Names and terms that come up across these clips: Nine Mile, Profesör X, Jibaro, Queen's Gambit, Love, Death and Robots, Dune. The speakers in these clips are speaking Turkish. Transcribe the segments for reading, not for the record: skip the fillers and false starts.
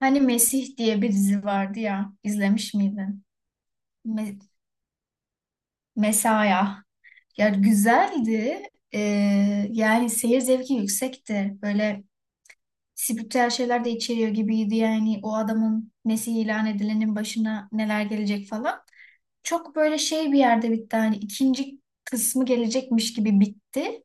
Hani Mesih diye bir dizi vardı ya, izlemiş miydin? Me- Mesaya. Ya güzeldi. Ee, yani seyir zevki yüksekti. Böyle spiritüel şeyler de içeriyor gibiydi. Yani o adamın Mesih ilan edilenin başına neler gelecek falan. Çok böyle şey bir yerde bitti. Hani ikinci kısmı gelecekmiş gibi bitti.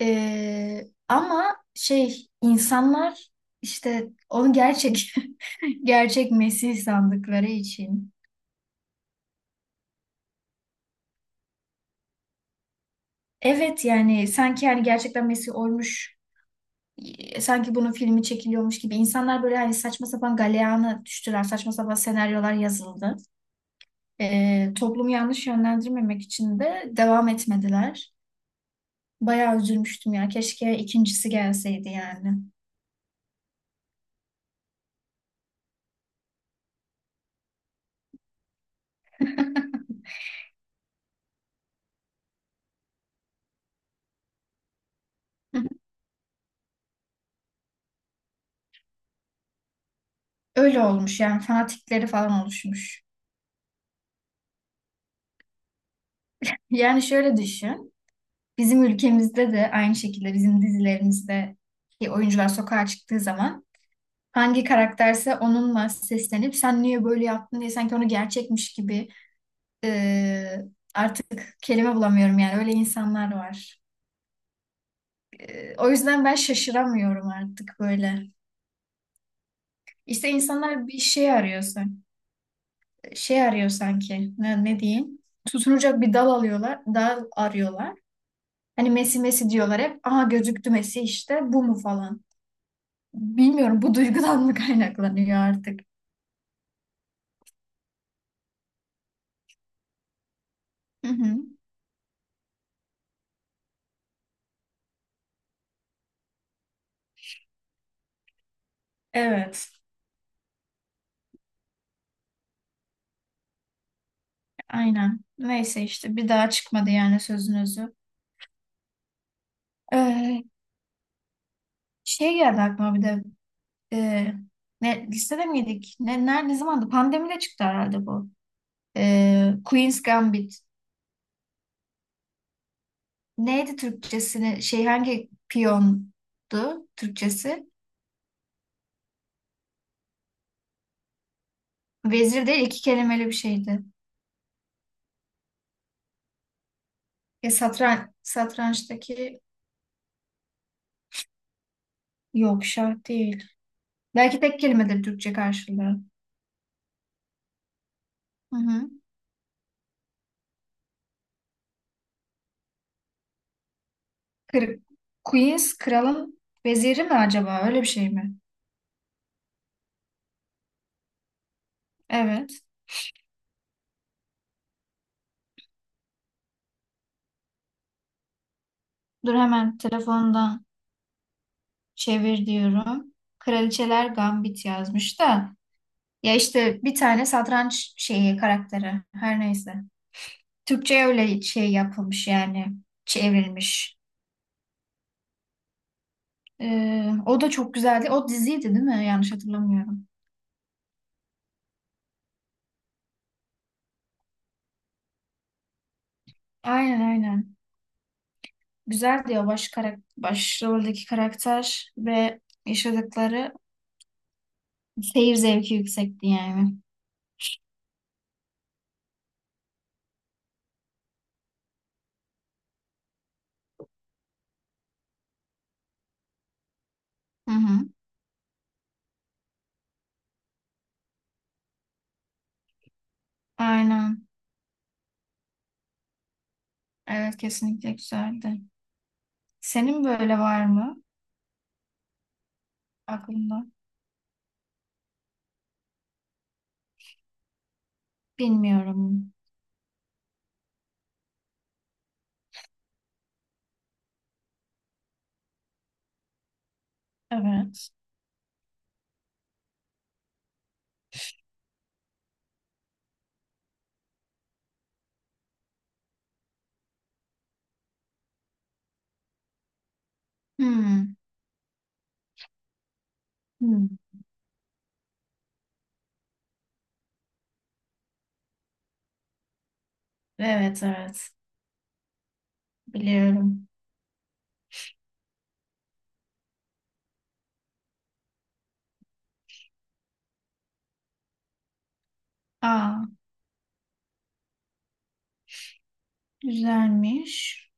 Ama şey insanlar işte onu gerçek gerçek Mesih sandıkları için. Evet yani sanki yani gerçekten Messi oymuş sanki bunun filmi çekiliyormuş gibi insanlar böyle hani saçma sapan galeyana düştüler saçma sapan senaryolar yazıldı. Toplumu yanlış yönlendirmemek için de devam etmediler. Bayağı üzülmüştüm ya keşke ikincisi gelseydi yani. Öyle olmuş yani fanatikleri falan oluşmuş. Yani şöyle düşün. Bizim ülkemizde de aynı şekilde bizim dizilerimizde ki oyuncular sokağa çıktığı zaman hangi karakterse onunla seslenip sen niye böyle yaptın diye sanki onu gerçekmiş gibi e, artık kelime bulamıyorum yani öyle insanlar var. O yüzden ben şaşıramıyorum artık böyle. İşte insanlar bir şey arıyorsa, şey arıyor sanki ne, ne diyeyim? Tutunacak bir dal alıyorlar, dal arıyorlar. Hani Messi Messi diyorlar hep. Aha gözüktü Messi işte bu mu falan. Bilmiyorum bu duygudan mı kaynaklanıyor artık. Hı hı. Evet. Aynen. Neyse işte bir daha çıkmadı yani sözün özü. Ee, şey geldi aklıma bir de ee, ne, listede miydik? Ne, nerede, ne zamandı? Pandemide çıktı herhalde bu. Queen's Gambit. Neydi Türkçesini? Şey hangi piyondu Türkçesi? Vezir değil iki kelimeli bir şeydi. Satrançtaki yok şah değil. Belki tek kelimedir Türkçe karşılığı. Hı hı. Kır- Queen's kralın veziri mi acaba? Öyle bir şey mi? Evet. Dur hemen telefondan çevir diyorum. Kraliçeler Gambit yazmış da. Ya işte bir tane satranç şeyi karakteri. Her neyse. Türkçe'ye öyle şey yapılmış yani. Çevrilmiş. O da çok güzeldi. O diziydi değil mi? Yanlış hatırlamıyorum. Aynen aynen. Güzeldi o başroldeki karakter ve yaşadıkları seyir zevki yüksekti yani. Hı hı. Aynen. Evet kesinlikle güzeldi. Senin böyle var mı aklımda? Bilmiyorum. Evet. Hmm. Hmm. Evet evet. Biliyorum. Aa, güzelmiş.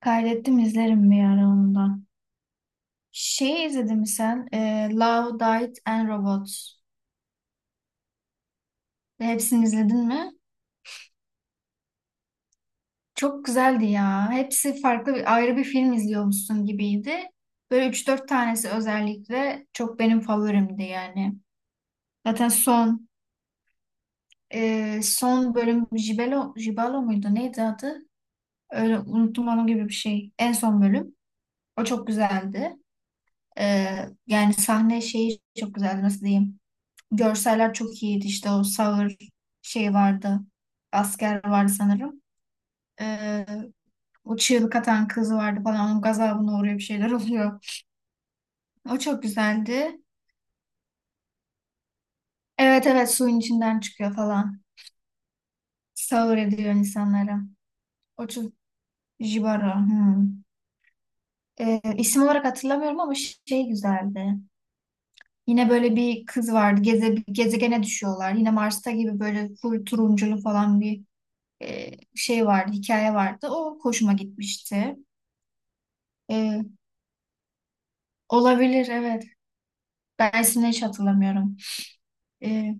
Kaydettim izlerim bir ara onu da. Şey izledin mi sen? Love, Death and Robots. Hepsini izledin mi? Çok güzeldi ya. Hepsi farklı bir, ayrı bir film izliyormuşsun gibiydi. Böyle üç dört tanesi özellikle çok benim favorimdi yani. Zaten son bölüm Jibelo, Jibalo muydu? Neydi adı? Öyle unuttum onu gibi bir şey. En son bölüm. O çok güzeldi. Yani sahne şeyi çok güzeldi nasıl diyeyim. Görseller çok iyiydi işte o sağır şey vardı. Asker vardı sanırım. Ee, o çığlık atan kız vardı falan. Onun gazabına uğruyor bir şeyler oluyor. O çok güzeldi. Evet evet suyun içinden çıkıyor falan. Sağır ediyor insanları. O çok Jibaro. Hmm. İsim olarak hatırlamıyorum ama şey güzeldi. Yine böyle bir kız vardı. Gezegene düşüyorlar. Yine Mars'ta gibi böyle full turunculu falan bir şey vardı. Hikaye vardı. O hoşuma gitmişti. E, olabilir evet. Ben ismini hiç hatırlamıyorum. E,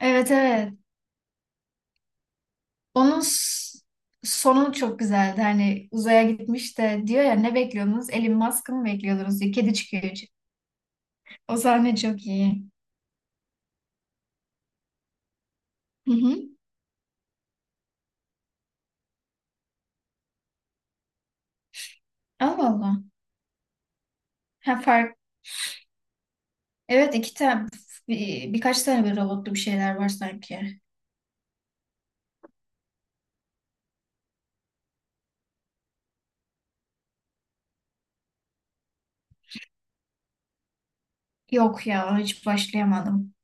evet evet. Onun s- sonu çok güzeldi. Hani uzaya gitmiş de diyor ya ne bekliyordunuz? Elon Musk'ı mı bekliyordunuz diyor. Kedi çıkıyor. İçi. O sahne çok iyi. Hı hı. Allah Allah. Ha, fark. Evet iki tane birkaç tane bir robotlu bir şeyler var sanki. Yok ya hiç başlayamadım.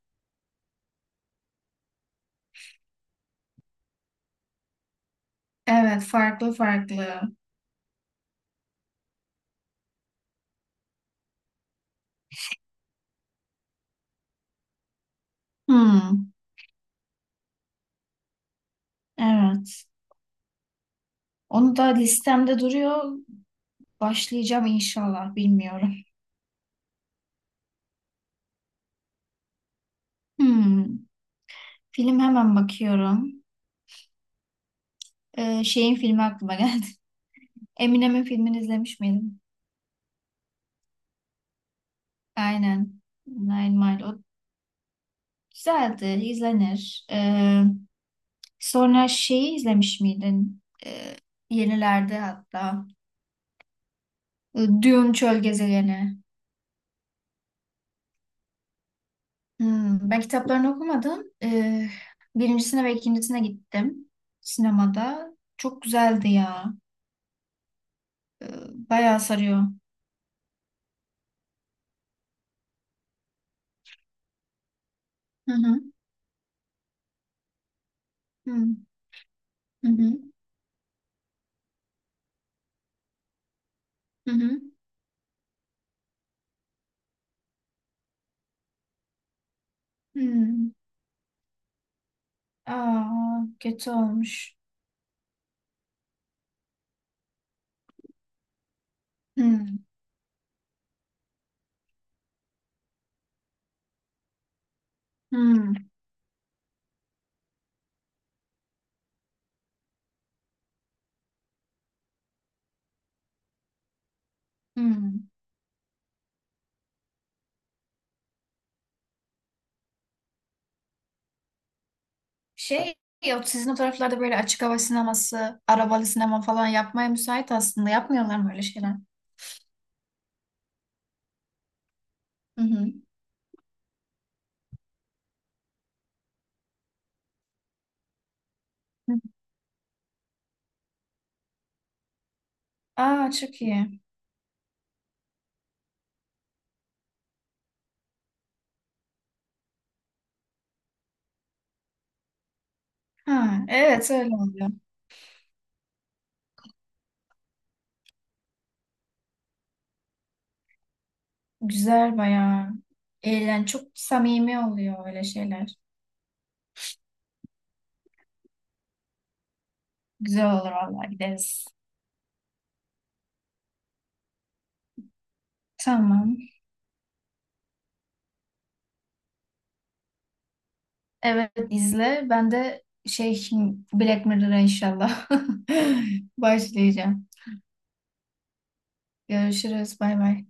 Evet farklı farklı. Hmm, evet. Onu da listemde duruyor. Başlayacağım inşallah bilmiyorum. Hmm, film hemen bakıyorum. Şeyin filmi aklıma geldi. Eminem'in filmini izlemiş miydim? Aynen. Nine Mile. O güzeldi. İzlenir. Sonra şeyi izlemiş miydin? Yenilerde hatta. Dune Çöl Gezegeni. Hmm, ben kitaplarını okumadım. Birincisine ve ikincisine gittim sinemada. Çok güzeldi ya. Ee, bayağı sarıyor. Hı hı. Hı hı. Hı hı. hı. Hmm. Aa, kötü olmuş. Hmm. Hmm. Hmm. Şey yok sizin o taraflarda böyle açık hava sineması, arabalı sinema falan yapmaya müsait aslında. Yapmıyorlar mı öyle şeyler? Hı hı. Hı. Aa çok iyi. Ha, evet öyle oluyor. Güzel bayağı. Eğlen çok samimi oluyor öyle şeyler. Güzel olur vallahi gideriz. Tamam. Evet izle. Ben de şey Black Mirror'a inşallah başlayacağım. Görüşürüz. Bay bay.